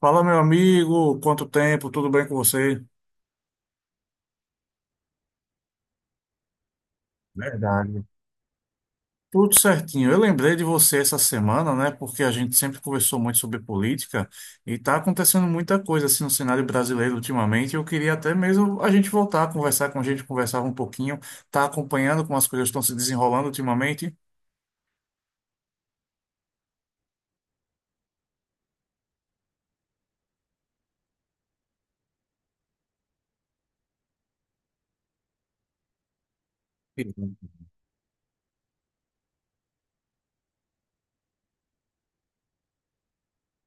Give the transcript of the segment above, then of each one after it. Fala, meu amigo, quanto tempo, tudo bem com você? Verdade. Tudo certinho. Eu lembrei de você essa semana, né? Porque a gente sempre conversou muito sobre política e tá acontecendo muita coisa assim no cenário brasileiro ultimamente. Eu queria até mesmo a gente voltar a conversar com a gente, conversava um pouquinho, tá acompanhando como as coisas estão se desenrolando ultimamente.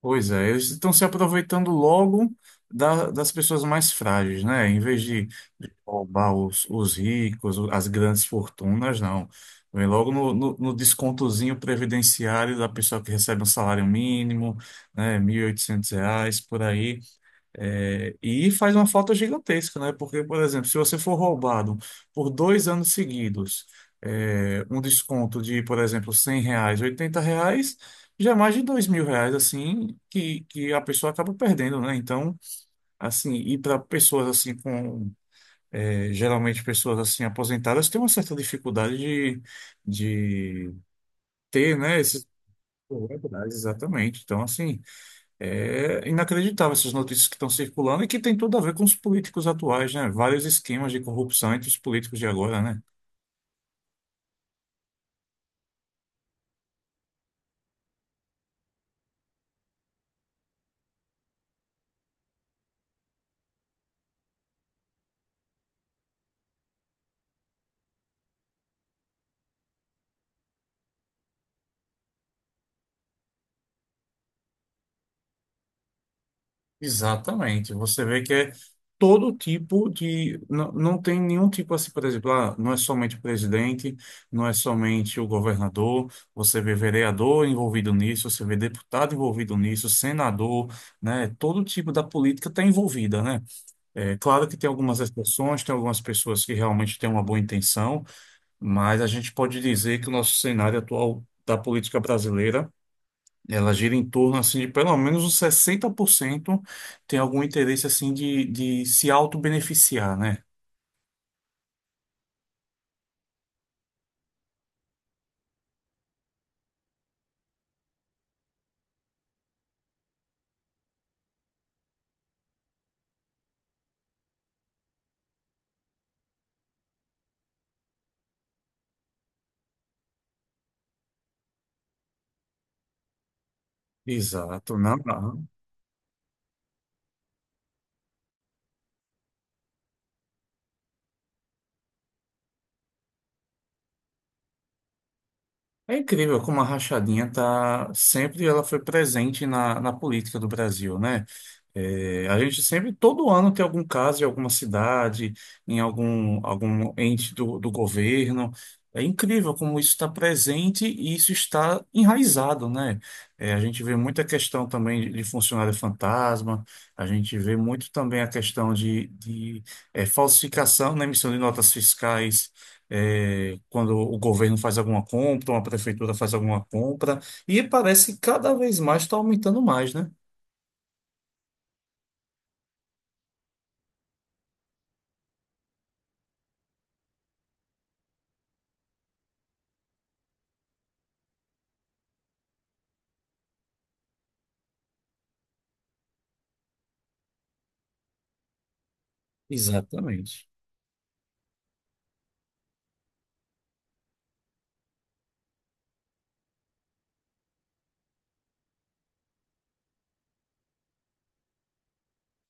Pois é, eles estão se aproveitando logo das pessoas mais frágeis, né? De roubar os ricos, as grandes fortunas, não. Vem logo no descontozinho previdenciário da pessoa que recebe um salário mínimo, né? Mil e oitocentos reais, por aí. É, e faz uma falta gigantesca, né? Porque, por exemplo, se você for roubado por dois anos seguidos, um desconto de, por exemplo, 100 reais, 80 reais, já é mais de dois mil reais, assim, que a pessoa acaba perdendo, né? Então, assim, e para pessoas assim com... é, geralmente pessoas assim aposentadas têm uma certa dificuldade de ter, né, esses... Exatamente. Então, assim, é inacreditável essas notícias que estão circulando e que tem tudo a ver com os políticos atuais, né? Vários esquemas de corrupção entre os políticos de agora, né? Exatamente. Você vê que é todo tipo de. Não, não tem nenhum tipo assim, por exemplo, ah, não é somente o presidente, não é somente o governador, você vê vereador envolvido nisso, você vê deputado envolvido nisso, senador, né? Todo tipo da política está envolvida, né? É claro que tem algumas exceções, tem algumas pessoas que realmente têm uma boa intenção. Mas a gente pode dizer que o nosso cenário atual da política brasileira, ela gira em torno assim de pelo menos uns 60% tem algum interesse assim de se autobeneficiar, né? Exato, não, não. É incrível como a rachadinha tá sempre ela foi presente na política do Brasil, né? É, a gente sempre, todo ano, tem algum caso em alguma cidade, em algum, algum ente do governo. É incrível como isso está presente e isso está enraizado, né? É, a gente vê muita questão também de funcionário fantasma, a gente vê muito também a questão é, falsificação na emissão de notas fiscais é, quando o governo faz alguma compra, uma prefeitura faz alguma compra, e parece que cada vez mais está aumentando mais, né? Exatamente.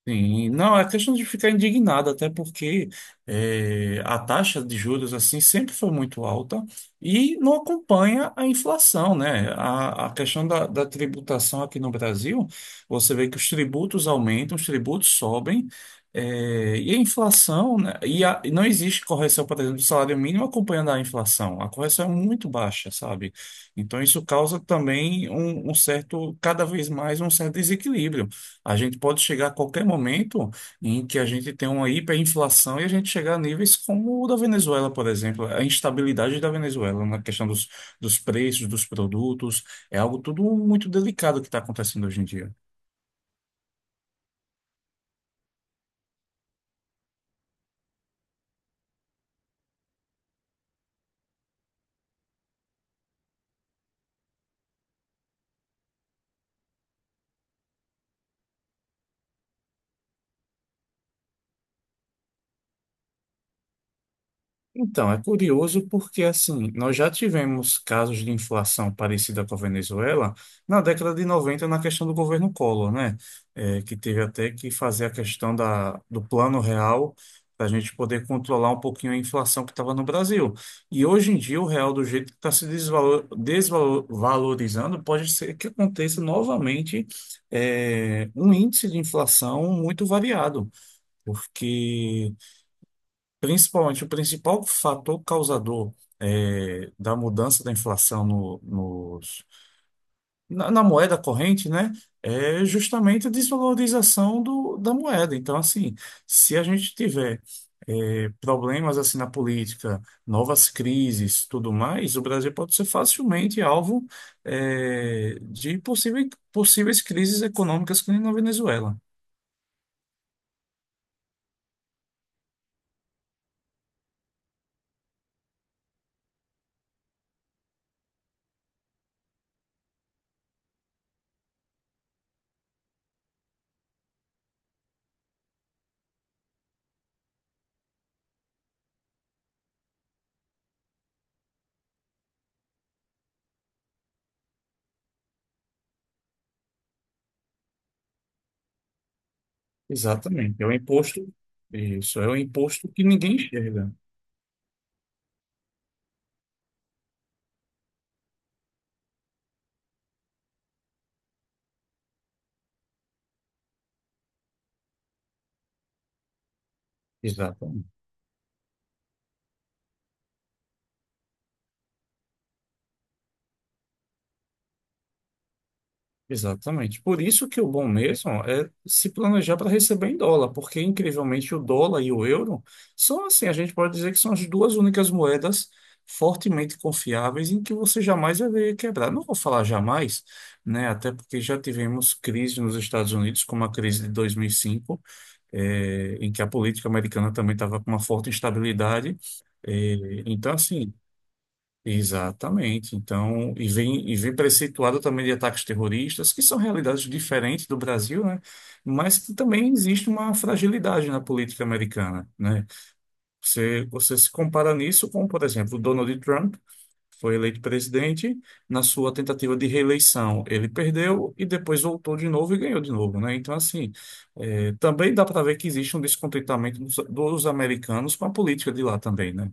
Sim, não, é questão de ficar indignado, até porque a taxa de juros assim sempre foi muito alta e não acompanha a inflação, né? A questão da tributação aqui no Brasil, você vê que os tributos aumentam, os tributos sobem, e a inflação, né? E não existe correção, por exemplo, do salário mínimo acompanhando a inflação. A correção é muito baixa, sabe? Então isso causa também um certo, cada vez mais um certo desequilíbrio. A gente pode chegar a qualquer momento em que a gente tenha uma hiperinflação e a gente chegar a níveis como o da Venezuela, por exemplo. A instabilidade da Venezuela na questão dos preços, dos produtos, é algo tudo muito delicado que está acontecendo hoje em dia. Então, é curioso porque, assim, nós já tivemos casos de inflação parecida com a Venezuela na década de 90 na questão do governo Collor, né? É, que teve até que fazer a questão do plano real para a gente poder controlar um pouquinho a inflação que estava no Brasil. E hoje em dia, o real, do jeito que está se desvalorizando, pode ser que aconteça novamente, é, um índice de inflação muito variado, porque. Principalmente, o principal fator causador da mudança da inflação na, na moeda corrente, né, é justamente a desvalorização da moeda. Então, assim, se a gente tiver problemas assim na política, novas crises, tudo mais, o Brasil pode ser facilmente alvo de possíveis crises econômicas que nem na Venezuela. Exatamente. É um imposto, isso, é um imposto que ninguém enxerga. Exatamente. Exatamente. Por isso que o bom mesmo é se planejar para receber em dólar, porque incrivelmente o dólar e o euro são assim, a gente pode dizer que são as duas únicas moedas fortemente confiáveis em que você jamais vai ver quebrar. Não vou falar jamais, né? Até porque já tivemos crise nos Estados Unidos, como a crise de 2005, em que a política americana também estava com uma forte instabilidade. Eh, então, assim, Exatamente. Então, e vem preceituado também de ataques terroristas, que são realidades diferentes do Brasil, né? Mas que também existe uma fragilidade na política americana, né? Você se compara nisso com, por exemplo, Donald Trump, que foi eleito presidente, na sua tentativa de reeleição, ele perdeu e depois voltou de novo e ganhou de novo, né? Então, assim, também dá para ver que existe um descontentamento dos americanos com a política de lá também, né?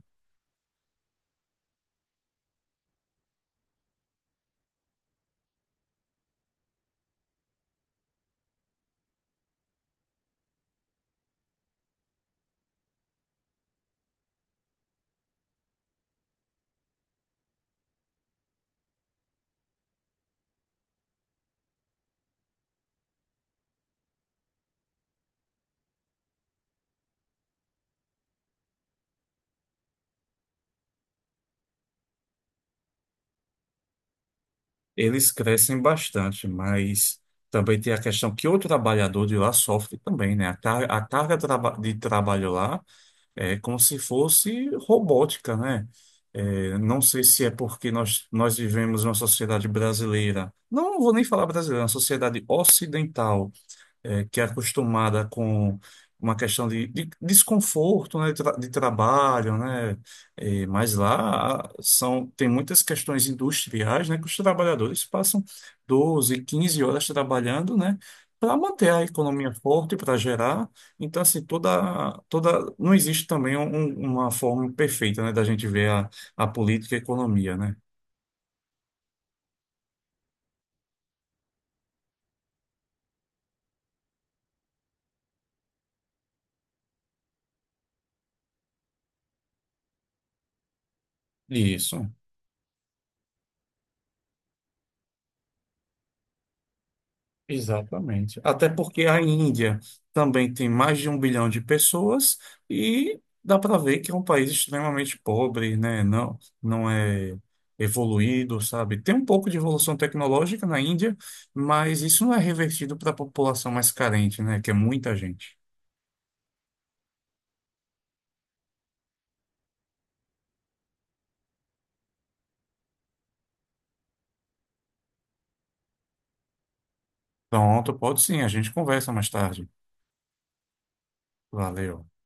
Eles crescem bastante, mas também tem a questão que o trabalhador de lá sofre também, né? A carga, a de trabalho lá é como se fosse robótica, né? É, não sei se é porque nós vivemos uma sociedade brasileira, não vou nem falar brasileira, é uma sociedade ocidental, é, que é acostumada com uma questão de desconforto, né, de trabalho, né, é, mas lá são, tem muitas questões industriais, né, que os trabalhadores passam 12, 15 horas trabalhando, né, para manter a economia forte, para gerar. Então, assim, toda, toda, não existe também uma forma perfeita, né, da gente ver a política e a economia, né. Isso. Exatamente. Até porque a Índia também tem mais de um bilhão de pessoas e dá para ver que é um país extremamente pobre, né? Não, não é evoluído, sabe? Tem um pouco de evolução tecnológica na Índia, mas isso não é revertido para a população mais carente, né? Que é muita gente. Pronto, pode sim, a gente conversa mais tarde. Valeu.